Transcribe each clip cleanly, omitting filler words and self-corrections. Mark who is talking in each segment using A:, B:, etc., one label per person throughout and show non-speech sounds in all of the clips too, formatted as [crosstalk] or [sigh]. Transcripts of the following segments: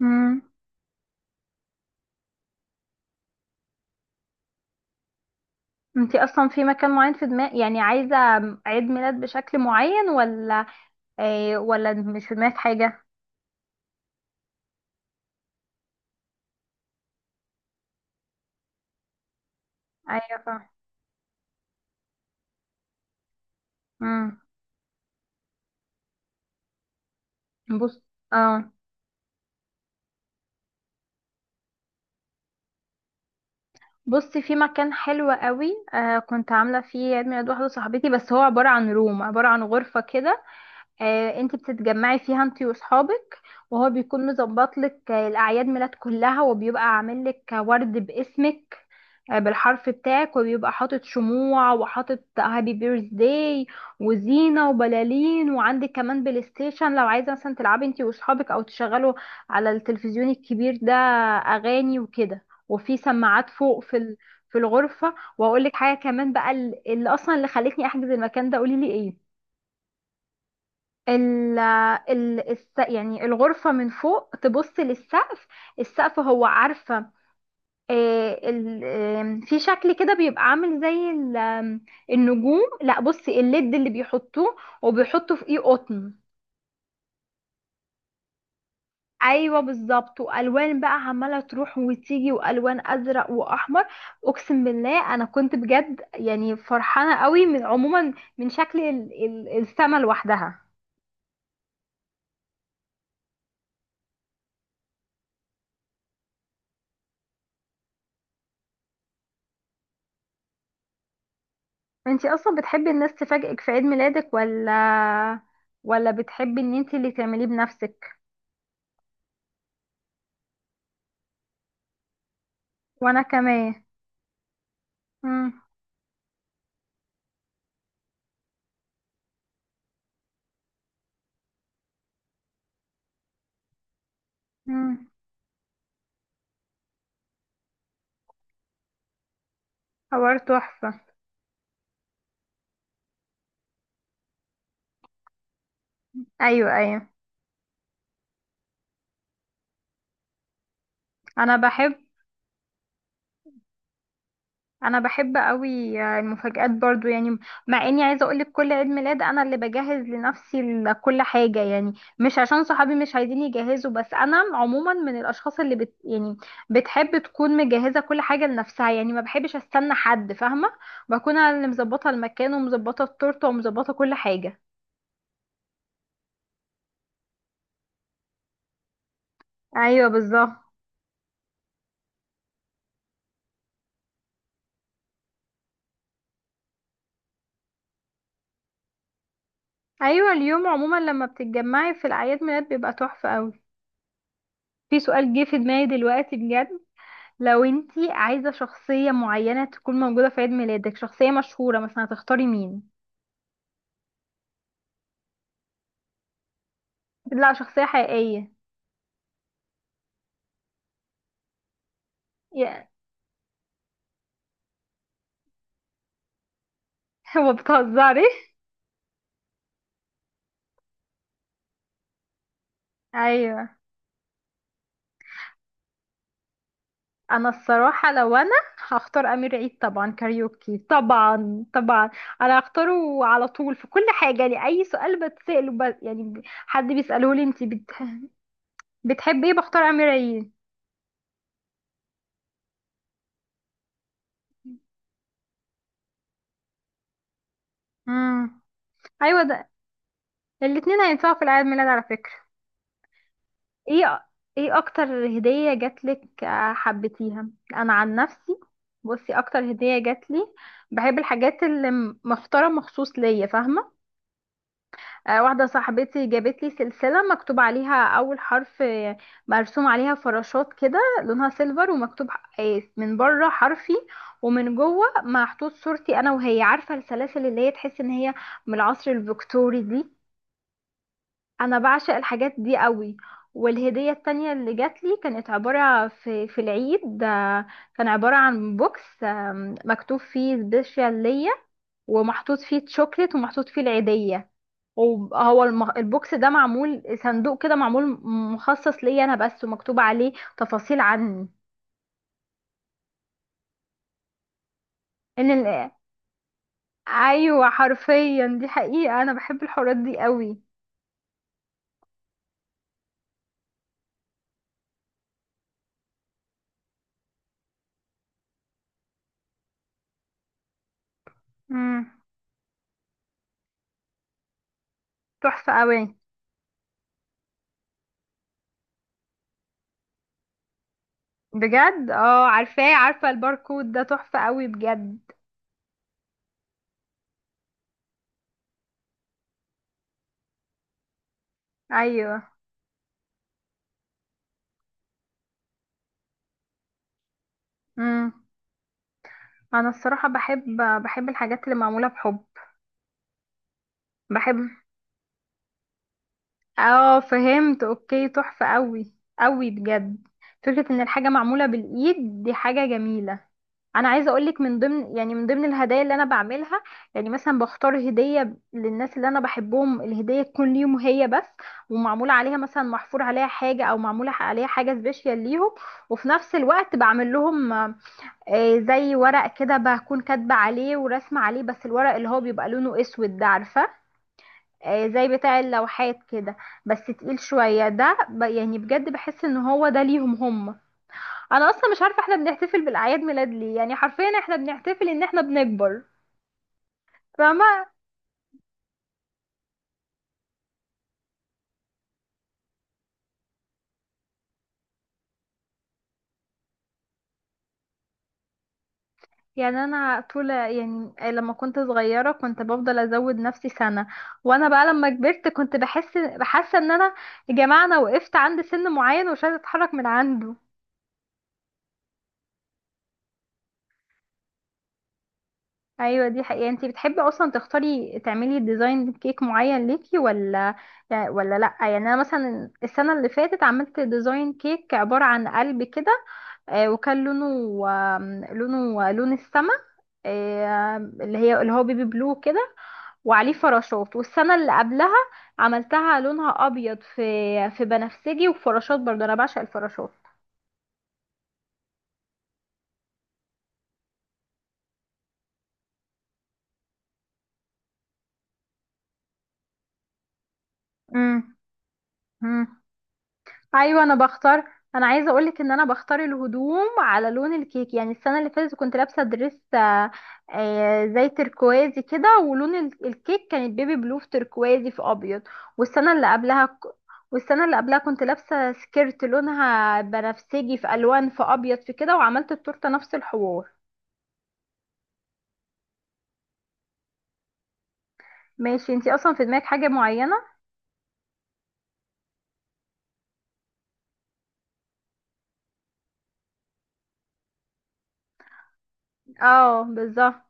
A: امم انتي اصلا في مكان معين في دماغ، يعني عايزه عيد ميلاد بشكل معين، ولا ايه؟ ولا مش في دماغك حاجه؟ ايوه، فاهم. امم بص اه بصي، في مكان حلو قوي كنت عامله فيه عيد ميلاد واحده صاحبتي، بس هو عباره عن روم، عباره عن غرفه كده. انتي بتتجمعي فيها انتي واصحابك، وهو بيكون مظبط لك الاعياد ميلاد كلها، وبيبقى عامل لك ورد باسمك بالحرف بتاعك، وبيبقى حاطط شموع وحاطط هابي بيرث داي وزينة وبلالين، وعندك كمان بلاي ستيشن لو عايزة مثلا تلعبي انتي واصحابك، او تشغلوا على التلفزيون الكبير ده اغاني وكده، وفي سماعات فوق في في الغرفة. واقول لك حاجة كمان بقى، اللي اصلا اللي خلتني احجز المكان ده، قولي لي ايه؟ يعني الغرفة من فوق تبص للسقف، السقف، هو عارفة، آه، ال- آم، في شكل كده، بيبقى عامل زي ال- آم، النجوم، لا بصي الليد اللي بيحطوه، وبيحطوا في ايه، قطن. ايوه بالظبط، والوان بقى عماله تروح وتيجي، والوان ازرق واحمر. اقسم بالله انا كنت بجد يعني فرحانه قوي، من عموما من شكل السما لوحدها. انتي اصلا بتحبي الناس تفاجئك في عيد ميلادك، ولا بتحبي ان انتي اللي تعمليه بنفسك؟ وانا كمان. امم امم حوار تحفه. ايوه ايوه، انا بحب انا بحب قوي المفاجآت برضو يعني، مع اني عايزه اقولك كل عيد ميلاد انا اللي بجهز لنفسي كل حاجه، يعني مش عشان صحابي مش عايزين يجهزوا، بس انا عموما من الاشخاص اللي بت يعني بتحب تكون مجهزه كل حاجه لنفسها، يعني ما بحبش استنى حد، فاهمه؟ بكون انا اللي مظبطه المكان ومظبطه التورته ومظبطه كل حاجه. ايوه بالظبط. ايوه، اليوم عموما لما بتتجمعي في الاعياد ميلاد بيبقى تحفه قوي. في سؤال جه في دماغي دلوقتي بجد، لو انتي عايزة شخصية معينة تكون موجودة في عيد ميلادك، شخصية مشهورة مثلا، هتختاري مين؟ لا، شخصية حقيقية. يا [laughs] هو بتهزري؟ ايوه. انا الصراحة لو انا هختار امير عيد طبعا، كاريوكي طبعا طبعا، انا هختاره على طول في كل حاجة، يعني اي سؤال بتسأله حد بيسأله لي انتي بتحبي ايه، بختار امير عيد. امم. ايوه ده، الاتنين هينفعوا في العيد ميلاد على فكرة. ايه؟ ايه اكتر هدية جاتلك حبيتيها؟ انا عن نفسي بصي اكتر هدية جاتلي، بحب الحاجات اللي مختارة مخصوص ليا، فاهمة؟ واحدة صاحبتي جابتلي سلسلة مكتوب عليها اول حرف، مرسوم عليها فراشات كده، لونها سيلفر، ومكتوب من بره حرفي، ومن جوه محطوط صورتي انا وهي، عارفة السلاسل اللي هي تحس ان هي من العصر الفيكتوري دي؟ انا بعشق الحاجات دي قوي. والهدية التانية اللي جات لي كانت عبارة في العيد، كان عبارة عن بوكس، مكتوب فيه سبيشال ليا، ومحطوط فيه تشوكلت ومحطوط فيه العيدية، وهو البوكس ده معمول صندوق كده، معمول مخصص ليا انا بس، ومكتوب عليه تفاصيل عني. ان ال... ايوه حرفيا، دي حقيقة، انا بحب الحوارات دي قوي. امم، تحفة قوي بجد. اه عارفاه، عارفة الباركود ده؟ تحفة قوي بجد. ايوه. امم. انا الصراحة بحب الحاجات اللي معمولة بحب. بحب اه فهمت، اوكي، تحفة قوي، قوي بجد. فكرة ان الحاجة معمولة بالايد دي حاجة جميلة. انا عايزة اقولك، من ضمن يعني من ضمن الهدايا اللي انا بعملها، يعني مثلا بختار هدية للناس اللي انا بحبهم، الهدية تكون ليهم هي بس، ومعمولة عليها مثلا محفور عليها حاجة، او معمولة عليها حاجة سبيشال ليهم، وفي نفس الوقت بعمل لهم زي ورق كده، بكون كاتبة عليه ورسمة عليه، بس الورق اللي هو بيبقى لونه اسود ده، عارفة؟ زي بتاع اللوحات كده، بس تقيل شوية ده، يعني بجد بحس ان هو ده ليهم هم. انا اصلا مش عارفة احنا بنحتفل بالاعياد ميلاد ليه؟ يعني حرفيا احنا بنحتفل ان احنا بنكبر. فما يعني انا طول يعني لما كنت صغيرة كنت بفضل ازود نفسي سنة، وانا بقى لما كبرت كنت بحس ان انا، يا جماعة، انا وقفت عند سن معين ومش عايزة اتحرك من عنده. ايوه دي حقيقة. انتي بتحبي اصلا تختاري تعملي ديزاين كيك معين ليكي، ولا لا؟ يعني انا مثلا السنة اللي فاتت عملت ديزاين كيك عبارة عن قلب كده، وكان لونه، لونه لون السما، اللي هي اللي هو بيبي بلو كده، وعليه فراشات. والسنة اللي قبلها عملتها لونها ابيض في، في بنفسجي وفراشات، برضه انا بعشق الفراشات. امم. ايوه انا بختار، انا عايزه اقولك ان انا بختار الهدوم على لون الكيك، يعني السنه اللي فاتت كنت لابسه دريس، زي تركوازي كده، ولون الكيك كانت بيبي بلو في تركوازي في ابيض. والسنه اللي قبلها ك- والسنه اللي قبلها كنت لابسه سكيرت لونها بنفسجي في الوان في ابيض في كده، وعملت التورته نفس الحوار. ماشي. انتي اصلا في دماغك حاجه معينه؟ اه بالظبط.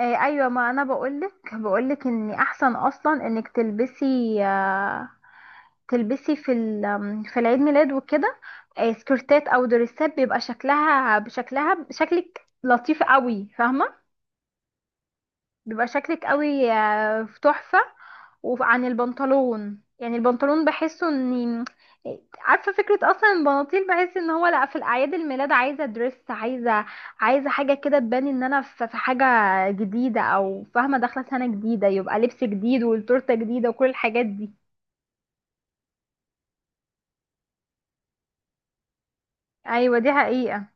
A: ايوه، ما انا بقولك ان احسن اصلا انك تلبسي، تلبسي في في العيد ميلاد وكده سكرتات او دريسات، بيبقى شكلها شكلك لطيف قوي، فاهمه؟ بيبقى شكلك قوي في، تحفه. وعن البنطلون، يعني البنطلون بحسه ان، عارفه فكره اصلا البناطيل، بحس ان هو لا، في الاعياد الميلاد عايزه دريس، عايزه حاجه كده تبان ان انا في حاجه جديده، او فاهمه داخله سنه جديده، يبقى لبس جديد والتورته جديده وكل الحاجات دي. ايوه دي حقيقه.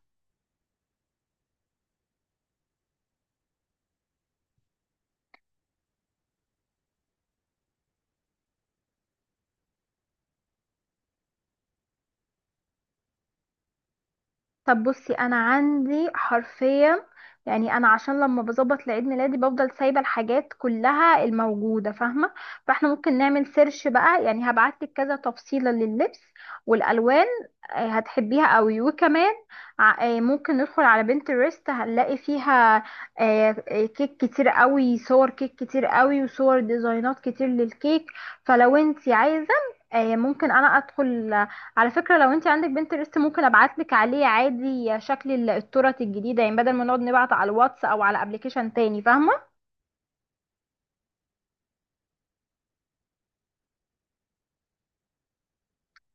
A: طب بصي انا عندي حرفيا، يعني انا عشان لما بظبط لعيد ميلادي بفضل سايبه الحاجات كلها الموجوده، فاهمه؟ فاحنا ممكن نعمل سيرش بقى، يعني هبعتلك كذا تفصيله لللبس والالوان، هتحبيها قوي. وكمان ممكن ندخل على بنترست، هنلاقي فيها كيك كتير قوي، صور كيك كتير قوي، وصور ديزاينات كتير للكيك. فلو انت عايزه ممكن انا ادخل. على فكرة لو انت عندك بنترست، ممكن ابعتلك عليه عادي شكل الترت الجديدة، يعني بدل ما نقعد نبعت على الواتس او على ابلكيشن تاني، فاهمة؟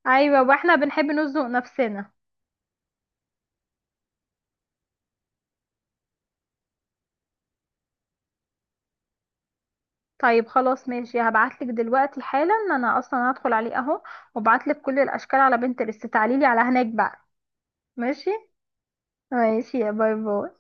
A: ايوه، واحنا بنحب نزنق نفسنا. طيب خلاص ماشي، هبعتلك دلوقتي حالا، انا اصلا هدخل عليه اهو، وابعتلك كل الاشكال على بنترست، تعاليلي على هناك بقى. ماشي. ماشي، يا باي باي.